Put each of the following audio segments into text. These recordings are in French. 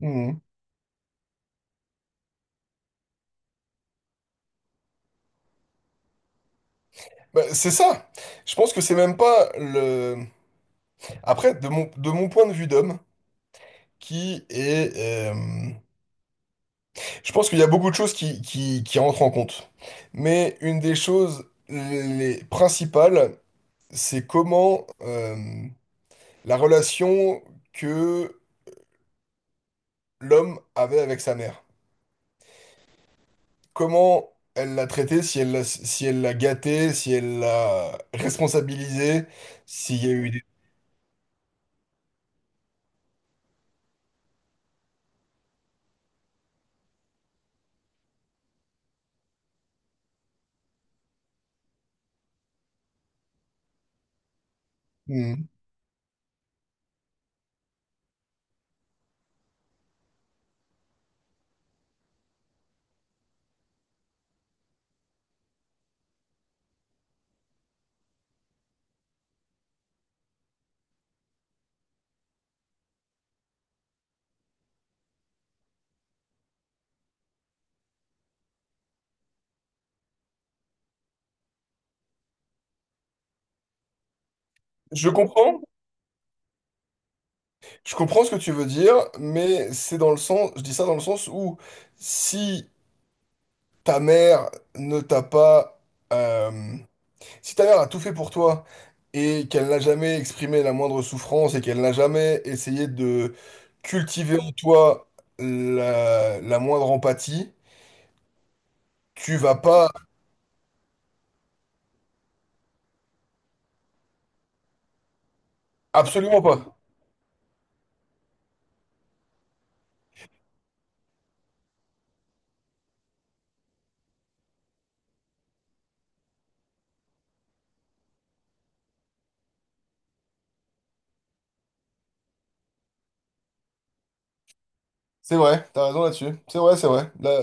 Mhm. Bah, c'est ça. Je pense que c'est même pas le. Après, de mon point de vue d'homme, qui est. Je pense qu'il y a beaucoup de choses qui rentrent en compte. Mais une des choses les principales, c'est comment la relation que l'homme avait avec sa mère. Comment elle l'a traitée, si elle l'a gâtée, si elle l'a responsabilisée, s'il y a eu des. Mhm. Je comprends. Je comprends ce que tu veux dire, mais c'est dans le sens, je dis ça dans le sens où si ta mère ne t'a pas, euh, si ta mère a tout fait pour toi et qu'elle n'a jamais exprimé la moindre souffrance et qu'elle n'a jamais essayé de cultiver en toi la moindre empathie, tu vas pas, absolument pas. C'est vrai, t'as raison là-dessus. C'est vrai, c'est vrai. Là,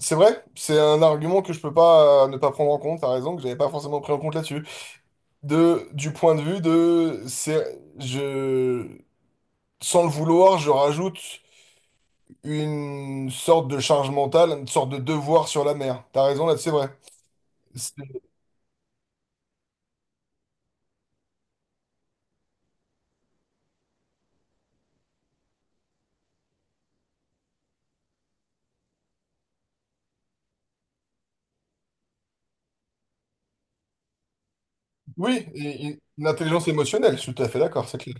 c'est vrai, c'est un argument que je peux pas ne pas prendre en compte. T'as raison que j'avais pas forcément pris en compte là-dessus. De, du point de vue de, c'est, je, sans le vouloir, je rajoute une sorte de charge mentale, une sorte de devoir sur la mer. T'as raison, là, c'est vrai. C'est- oui, et une intelligence émotionnelle, je suis tout à fait d'accord, c'est clair.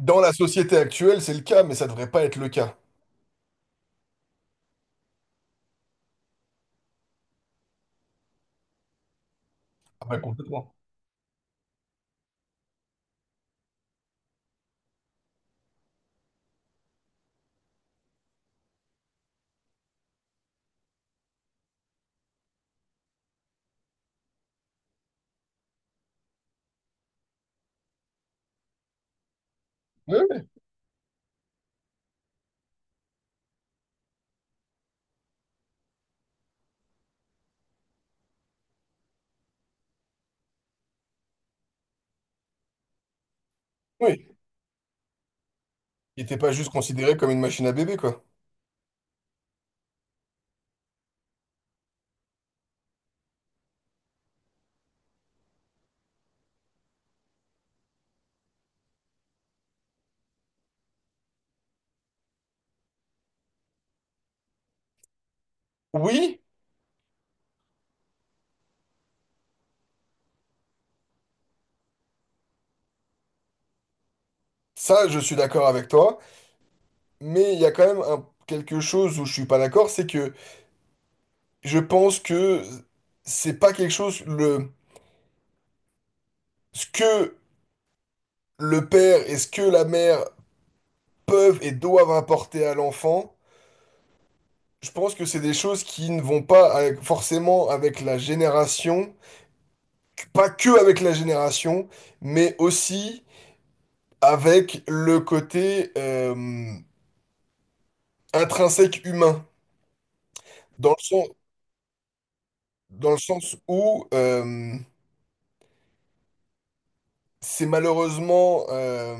Dans la société actuelle, c'est le cas, mais ça devrait pas être le cas. Ah bah, complètement. Oui, oui. Oui. Il n'était pas juste considéré comme une machine à bébé, quoi. Oui, ça, je suis d'accord avec toi, mais il y a quand même un- quelque chose où je suis pas d'accord, c'est que je pense que c'est pas quelque chose le ce que le père et ce que la mère peuvent et doivent apporter à l'enfant. Je pense que c'est des choses qui ne vont pas avec- forcément avec la génération, pas que avec la génération, mais aussi avec le côté intrinsèque humain, dans le sens, dans le sens où c'est malheureusement,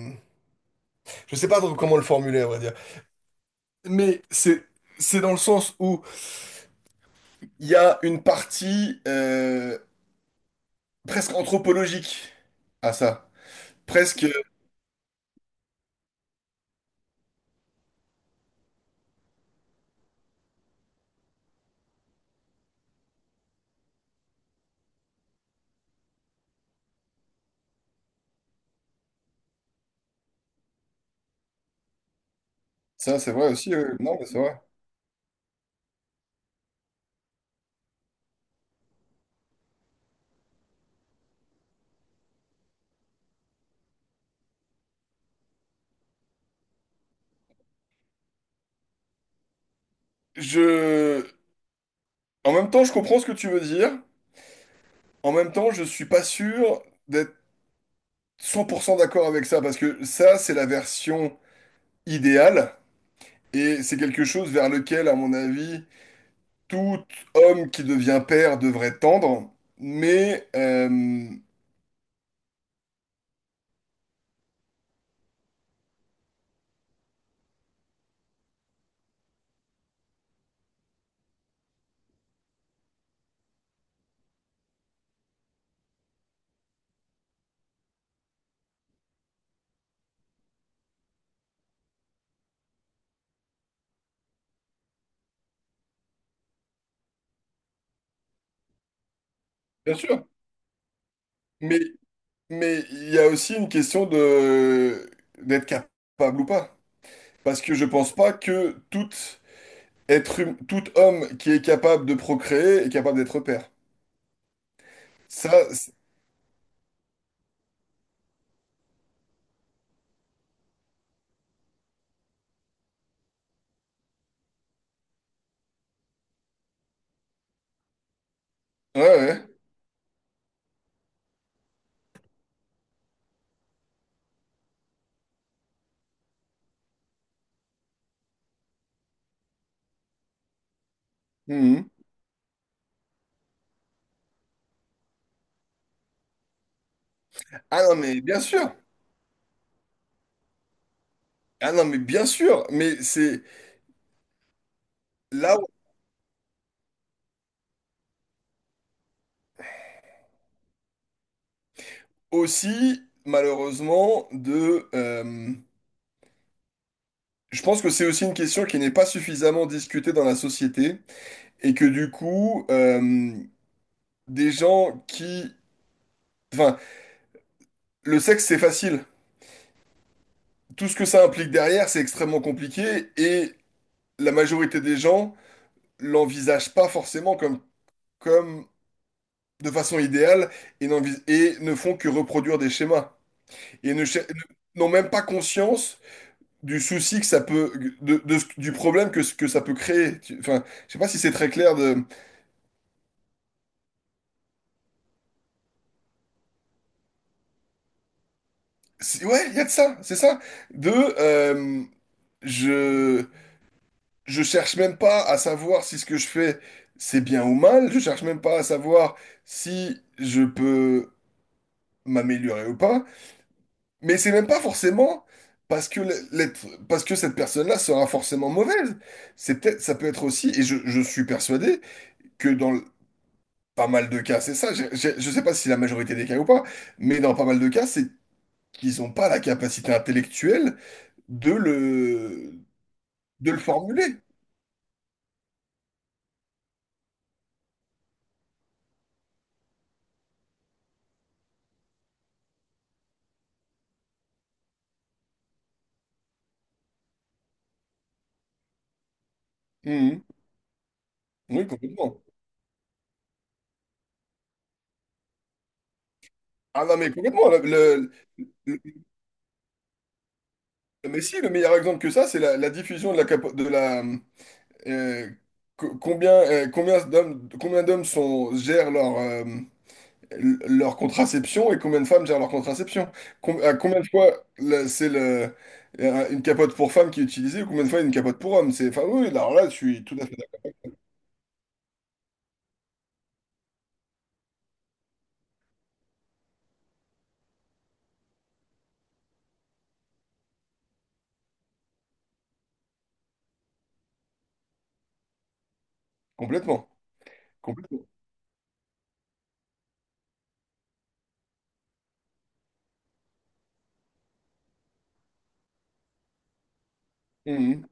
je sais pas trop comment le formuler à vrai dire, mais c'est dans le sens où il y a une partie presque anthropologique à ça. Presque. Ça, c'est vrai aussi. Non, mais c'est vrai. Je. En même temps, je comprends ce que tu veux dire. En même temps, je suis pas sûr d'être 100% d'accord avec ça parce que ça, c'est la version idéale et c'est quelque chose vers lequel, à mon avis, tout homme qui devient père devrait tendre. Mais bien sûr. Mais Mais il y a aussi une question de d'être capable ou pas. Parce que je pense pas que tout être, tout homme qui est capable de procréer est capable d'être père. Ça, c'est- ouais, ouais. Mhm. Ah non, mais bien sûr. Ah non, mais bien sûr. Mais c'est là aussi, malheureusement, de. Je pense que c'est aussi une question qui n'est pas suffisamment discutée dans la société et que du coup, des gens qui. Enfin, le sexe, c'est facile. Tout ce que ça implique derrière, c'est extrêmement compliqué et la majorité des gens l'envisagent pas forcément comme, comme de façon idéale et, n'envis- et ne font que reproduire des schémas et ne cher- n'ont même pas conscience du souci que ça peut, de ce- du problème que, ce- que ça peut créer. Tu- enfin, je sais pas si c'est très clair de, c'est- ouais, il y a de ça, c'est ça, de, euh, je, Je cherche même pas à savoir si ce que je fais, c'est bien ou mal. Je cherche même pas à savoir si je peux m'améliorer ou pas. Mais c'est même pas forcément parce que le- l'être, parce que cette personne-là sera forcément mauvaise. C'est peut-être, ça peut être aussi, et je suis persuadé que dans le- pas mal de cas, c'est ça. J'ai- je sais pas si la majorité des cas ou pas, mais dans pas mal de cas, c'est qu'ils ont pas la capacité intellectuelle de le, de le formuler. Mhm. Oui, complètement. Ah non, mais complètement. Le, mais si, le meilleur exemple que ça, c'est la, la diffusion de la, capo- de la euh, co- combien combien d'hommes sont gèrent leur l- leur contraception et combien de femmes gèrent leur contraception. Com- à combien de fois là, c'est le une capote pour femme qui est utilisée ou combien de fois une capote pour homme. C'est enfin oui, oui, alors là, je suis tout à fait d'accord. Complètement, complètement. Mhm.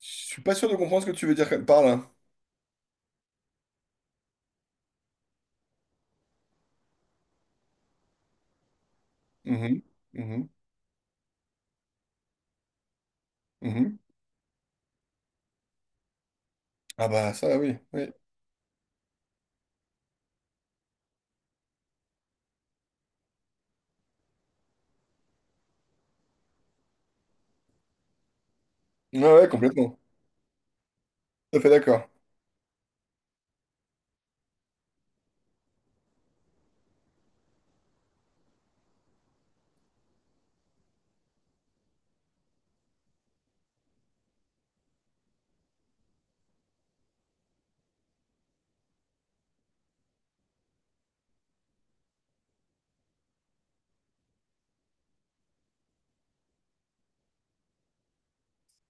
Je suis pas sûr de comprendre ce que tu veux dire par là. Mhm. Mhm. Mhm. Ah bah ça oui, oui. Ouais, ouais, complètement. Tout à fait d'accord.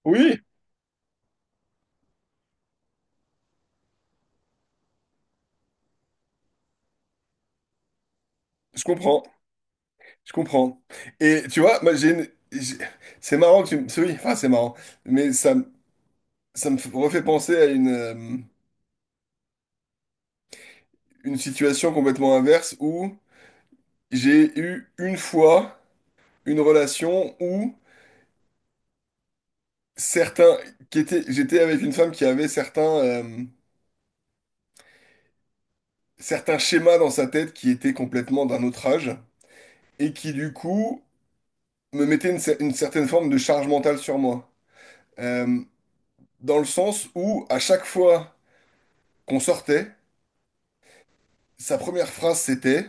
Oui, je comprends, je comprends. Et tu vois, moi j'ai une- j'ai- c'est marrant que tu me... c'est- oui, enfin c'est marrant, mais ça me refait penser à une situation complètement inverse où j'ai eu une fois une relation où certains... qui était... j'étais avec une femme qui avait certains, certains schémas dans sa tête qui étaient complètement d'un autre âge et qui du coup me mettait une, cer- une certaine forme de charge mentale sur moi. Euh, dans le sens où à chaque fois... qu'on sortait, sa première phrase c'était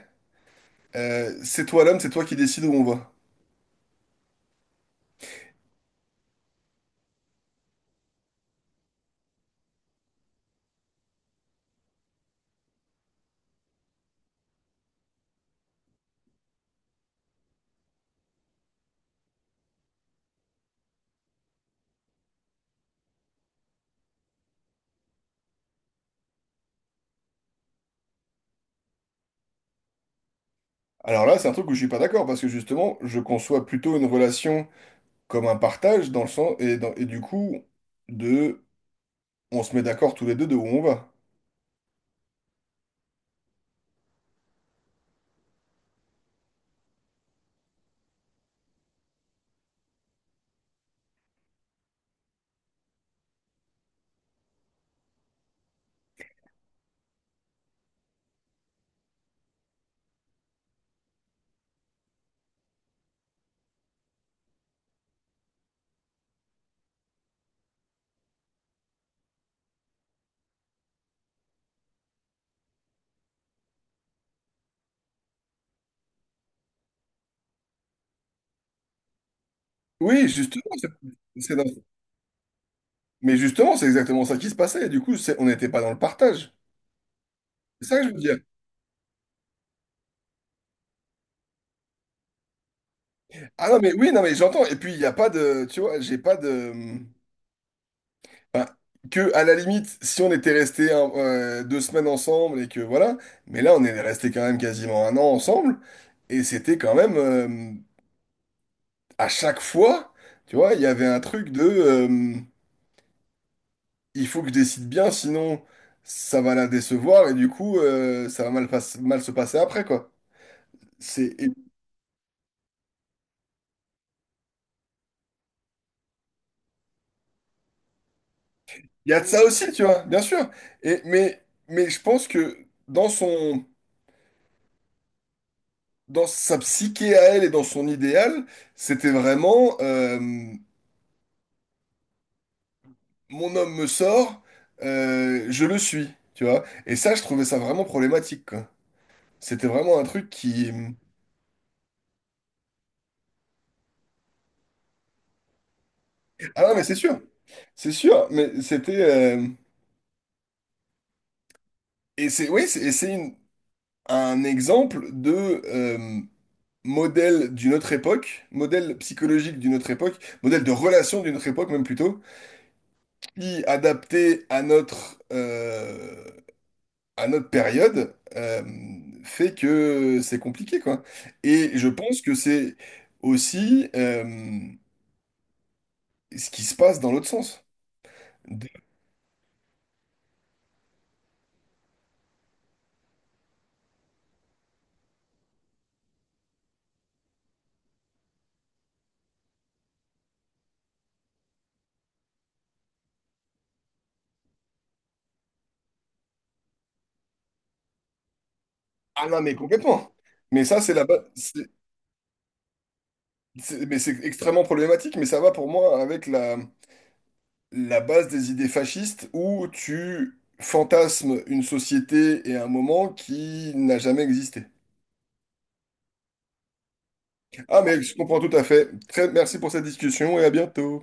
c'est toi l'homme, c'est toi qui décides où on va. Alors là, c'est un truc où je suis pas d'accord, parce que justement, je conçois plutôt une relation comme un partage, dans le sens, et, dans- et du coup, de on se met d'accord tous les deux de où on va. Oui, justement, c'est dans- mais justement, c'est exactement ça qui se passait, et du coup, c'est- on n'était pas dans le partage. C'est ça que je veux dire. Ah non, mais oui, non, mais j'entends, et puis il n'y a pas de, tu vois, j'ai pas de. Bah, que à la limite, si on était resté un- 2 semaines ensemble et que voilà, mais là on est resté quand même quasiment 1 an ensemble et c'était quand même à chaque fois, tu vois, il y avait un truc de il faut que je décide bien, sinon ça va la décevoir et du coup ça va mal, pas- mal se passer après quoi. C'est et il y a de ça aussi, tu vois, bien sûr. Et mais je pense que dans son dans sa psyché à elle et dans son idéal, c'était vraiment. Mon homme me sort, je le suis, tu vois. Et ça, je trouvais ça vraiment problématique, quoi. C'était vraiment un truc qui... Ah non, mais c'est sûr, mais c'était... euh, et c'est oui, c'est et c'est une- un exemple de modèle d'une autre époque, modèle psychologique d'une autre époque, modèle de relation d'une autre époque même plutôt, qui adapté à notre période fait que c'est compliqué, quoi. Et je pense que c'est aussi ce qui se passe dans l'autre sens. De- ah non, mais complètement. Mais ça, c'est la base. Mais c'est extrêmement problématique, mais ça va pour moi avec la, la base des idées fascistes où tu fantasmes une société et un moment qui n'a jamais existé. Ah, mais je comprends tout à fait. Très, merci pour cette discussion et à bientôt.